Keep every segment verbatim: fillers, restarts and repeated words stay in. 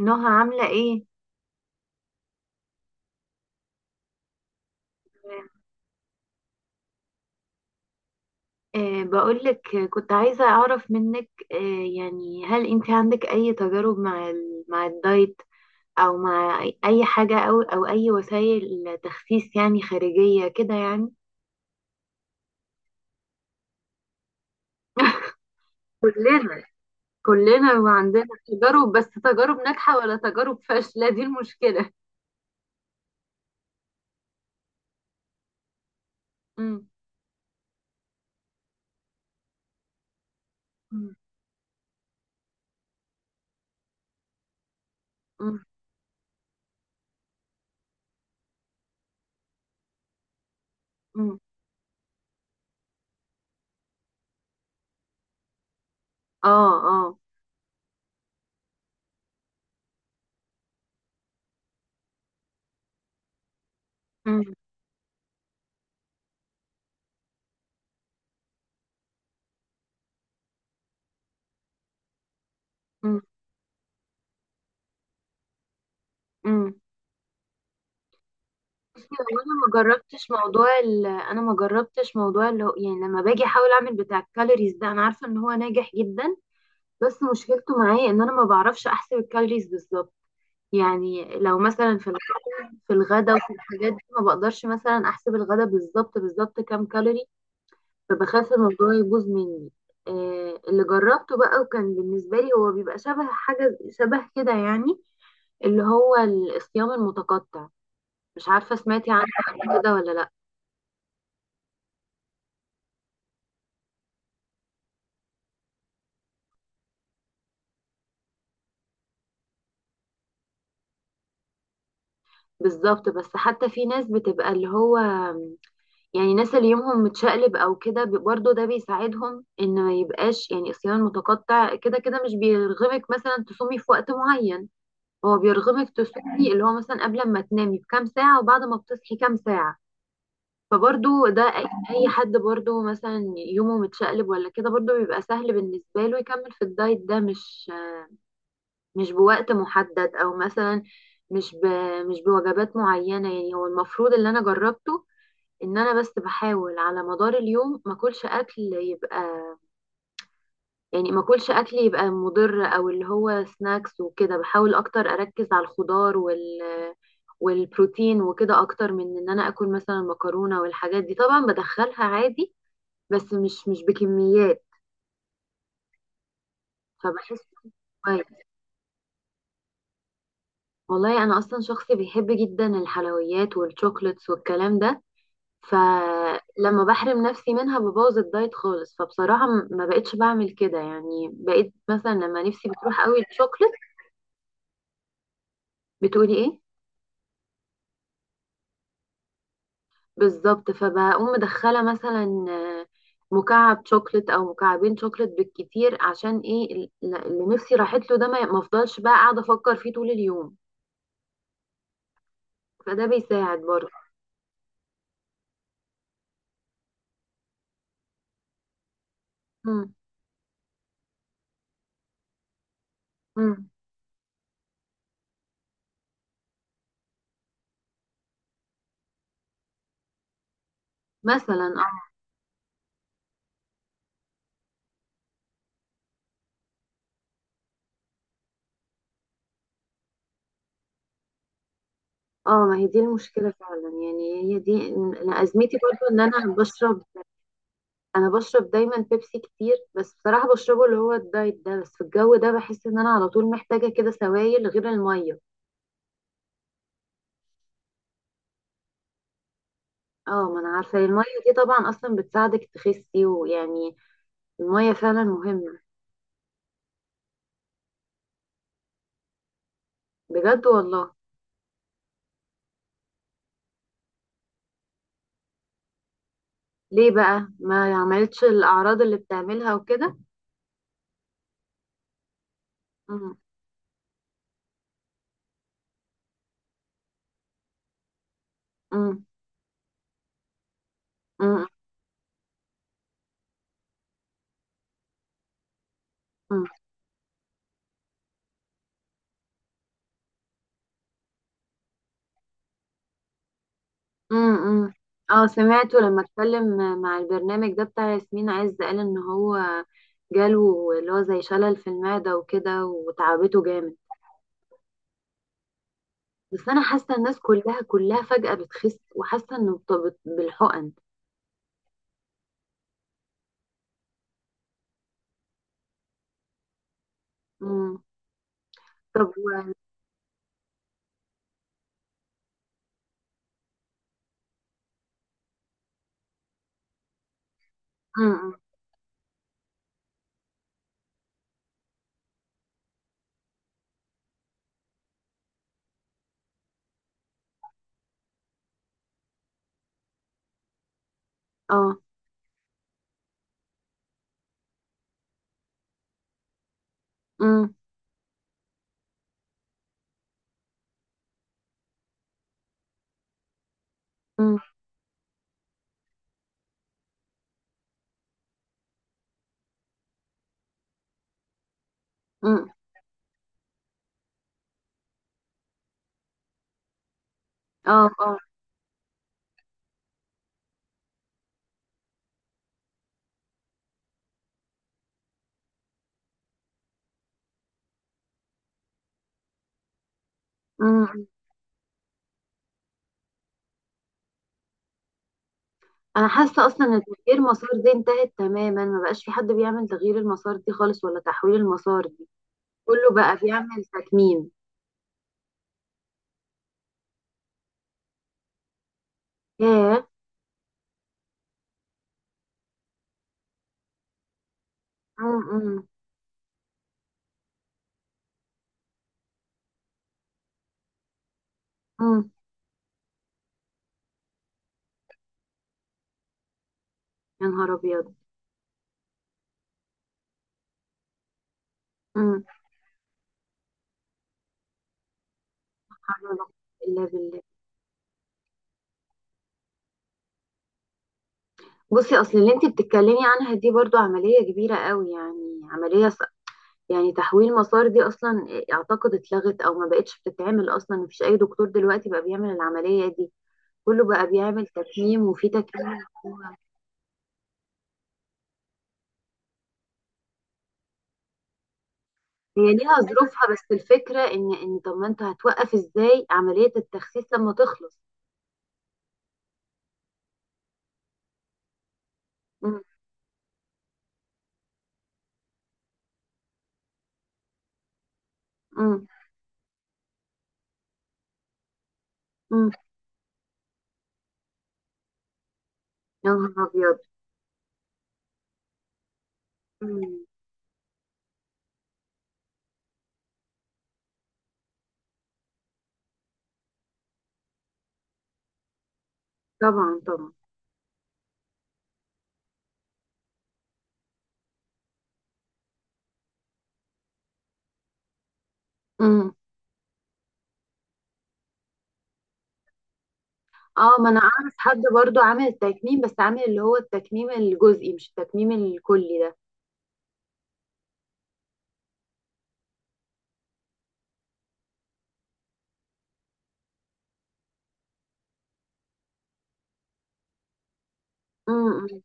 نهى عاملة ايه؟ أه بقولك، آه، كنت عايزة أعرف منك، أه يعني هل انت عندك أي تجارب مع ال... مع الدايت، أو مع أي أي حاجة، أو أو أي وسائل تخسيس يعني خارجية كده يعني. كلنا. كلنا وعندنا تجارب، بس تجارب ناجحة ولا تجارب فاشلة، دي المشكلة. مم. مم. مم. مم. اه. اه. مم. مم. مم. بصي، هو انا ما جربتش موضوع ال... انا ما جربتش موضوع اللي هو، يعني، لما باجي احاول اعمل بتاع الكالوريز ده، انا عارفه ان هو ناجح جدا، بس مشكلته معايا ان انا ما بعرفش احسب الكالوريز بالظبط. يعني لو مثلا في الغ- في الغدا وفي الحاجات دي ما بقدرش مثلا احسب الغدا بالظبط بالظبط كام كالوري، فبخاف الموضوع يبوظ مني. آه اللي جربته بقى وكان بالنسبه لي هو بيبقى شبه حاجه شبه كده، يعني اللي هو الصيام المتقطع، مش عارفه سمعتي عنه قبل كده ولا لا؟ بالظبط، بس حتى في ناس بتبقى اللي هو، يعني ناس اللي يومهم متشقلب او كده، بي- برضه ده بيساعدهم ان ما يبقاش، يعني صيام متقطع كده كده مش بيرغمك مثلا تصومي في وقت معين، هو بيرغمك تصومي اللي هو مثلا قبل ما تنامي بكام ساعة وبعد ما بتصحي كام ساعة. فبرضه ده اي أي حد برضه مثلا يومه متشقلب ولا كده برضه بيبقى سهل بالنسبة له يكمل في الدايت ده، مش مش بوقت محدد او مثلا مش ب... مش بوجبات معينة، يعني هو المفروض اللي انا جربته ان انا بس بحاول على مدار اليوم ما اكلش اكل يبقى، يعني ما اكلش اكل يبقى مضر او اللي هو سناكس وكده، بحاول اكتر اركز على الخضار وال والبروتين وكده اكتر من ان انا اكل مثلا مكرونة والحاجات دي، طبعا بدخلها عادي بس مش مش بكميات، فبحس كويس. والله انا اصلا شخص بيحب جدا الحلويات والشوكليتس والكلام ده، فلما بحرم نفسي منها ببوظ الدايت خالص. فبصراحة م- ما بقتش بعمل كده، يعني بقيت مثلا لما نفسي بتروح قوي الشوكليت، بتقولي ايه؟ بالظبط، فبقوم مدخلة مثلا آه، مكعب شوكليت او مكعبين شوكليت بالكتير، عشان ايه؟ ال- اللي نفسي راحت له ده ما ما افضلش بقى قاعدة افكر فيه طول اليوم، فده بيساعد برضه. مم. مم. مثلا، اه. آه، ما هي دي المشكلة فعلا، يعني هي دي أنا أزمتي برضه ان انا بشرب انا بشرب دايما بيبسي كتير، بس بصراحة بشربه اللي هو الدايت ده، بس في الجو ده بحس ان انا على طول محتاجة كده سوائل غير المية. اه ما انا عارفة المية دي طبعا اصلا بتساعدك تخسي ويعني المية فعلا مهمة. بجد والله؟ ليه بقى، ما عملتش الاعراض اللي بتعملها وكده؟ أم. أم. أم. أم. أم. أم. اه، سمعته لما اتكلم مع البرنامج ده بتاع ياسمين عز، قال ان هو جاله اللي هو زي شلل في المعدة وكده وتعبته جامد. بس انا حاسه الناس كلها كلها فجأة بتخس، وحاسه انه بت- بت- بالحقن. مم. طب و... مم. اه. مم. مم. مم. اه. اه. مم. انا حاسه اصلا ان تغيير مسار دي انتهت تماما، ما بقاش في حد بيعمل تغيير المسار دي خالص ولا تحويل المسار دي، كله بقى بيعمل تكميم. ياه. مم. مم. مم. يا نهار ابيض. مم. حول ولا قوة الا بالله. بصي، اصل اللي انت بتتكلمي عنها دي برضو عمليه كبيره قوي، يعني عمليه، يعني تحويل مسار دي اصلا اعتقد اتلغت او ما بقتش بتتعمل اصلا، مفيش اي دكتور دلوقتي بقى بيعمل العملية دي، كله بقى بيعمل تكميم. وفي تكميم هي ليها ظروفها، بس الفكرة ان ان طب ما انت هتوقف ازاي عملية التخسيس لما تخلص؟ مم. مم. مم. يا نهار ابيض. مم. طبعا طبعا. مم. اه ما انا اعرف حد برضو عامل التكميم، بس عامل اللي هو التكميم الجزئي مش التكميم الكلي ده. مم.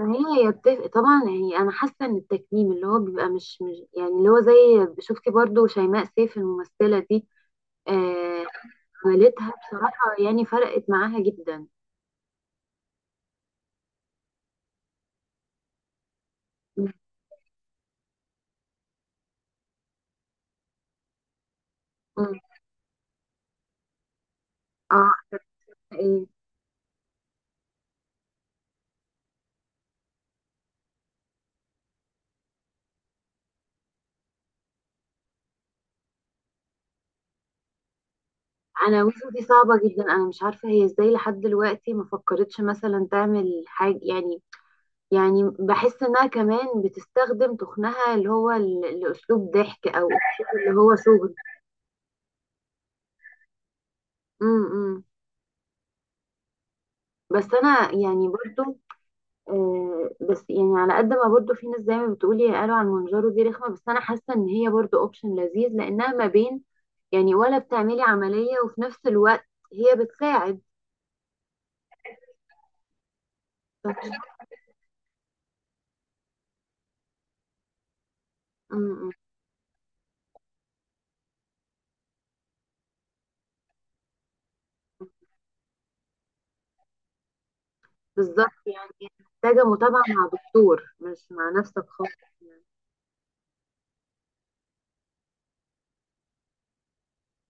ما هي يتفق طبعا، يعني انا حاسه ان التكميم اللي هو بيبقى مش مش يعني اللي هو زي، شفتي برضو شيماء سيف الممثله دي؟ آه. عملتها بصراحه، يعني فرقت معاها جدا. م- م. اه. ايه؟ انا وشو دي صعبه جدا، انا مش عارفه هي ازاي لحد دلوقتي ما فكرتش مثلا تعمل حاجه، يعني يعني بحس انها كمان بتستخدم تخنها، اللي هو ال- الاسلوب ضحك او أسلوب اللي هو شغل. م- م. بس انا يعني برضو، آه، بس يعني على قد ما برضو في ناس زي ما بتقولي قالوا عن منجرو دي رخمة، بس انا حاسة ان هي برضو اوبشن لذيذ لانها ما بين، يعني، ولا بتعملي عملية وفي نفس الوقت هي بتساعد. ف- م- م. بالظبط يعني، محتاجة متابعة مع دكتور مش مع نفسك خالص يعني.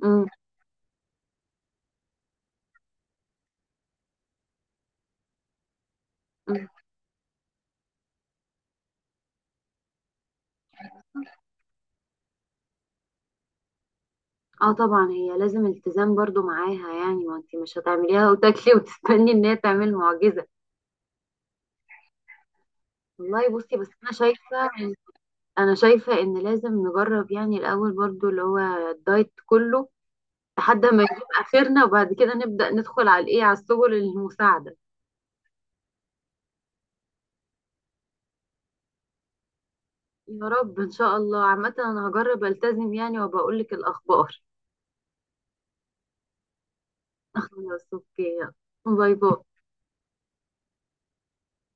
م- م. اه طبعا هي لازم التزام برضو معاها، يعني ما انت مش هتعمليها وتاكلي وتستني ان هي تعمل معجزة. والله بصي، بس انا شايفة انا شايفة ان لازم نجرب، يعني الاول برضو اللي هو الدايت كله لحد ما نجيب اخرنا، وبعد كده نبدأ ندخل على الايه، على السبل المساعدة. يا رب ان شاء الله. عامة انا هجرب التزم يعني وبقول لك الاخبار. خلاص اوكي يلا. باي باي.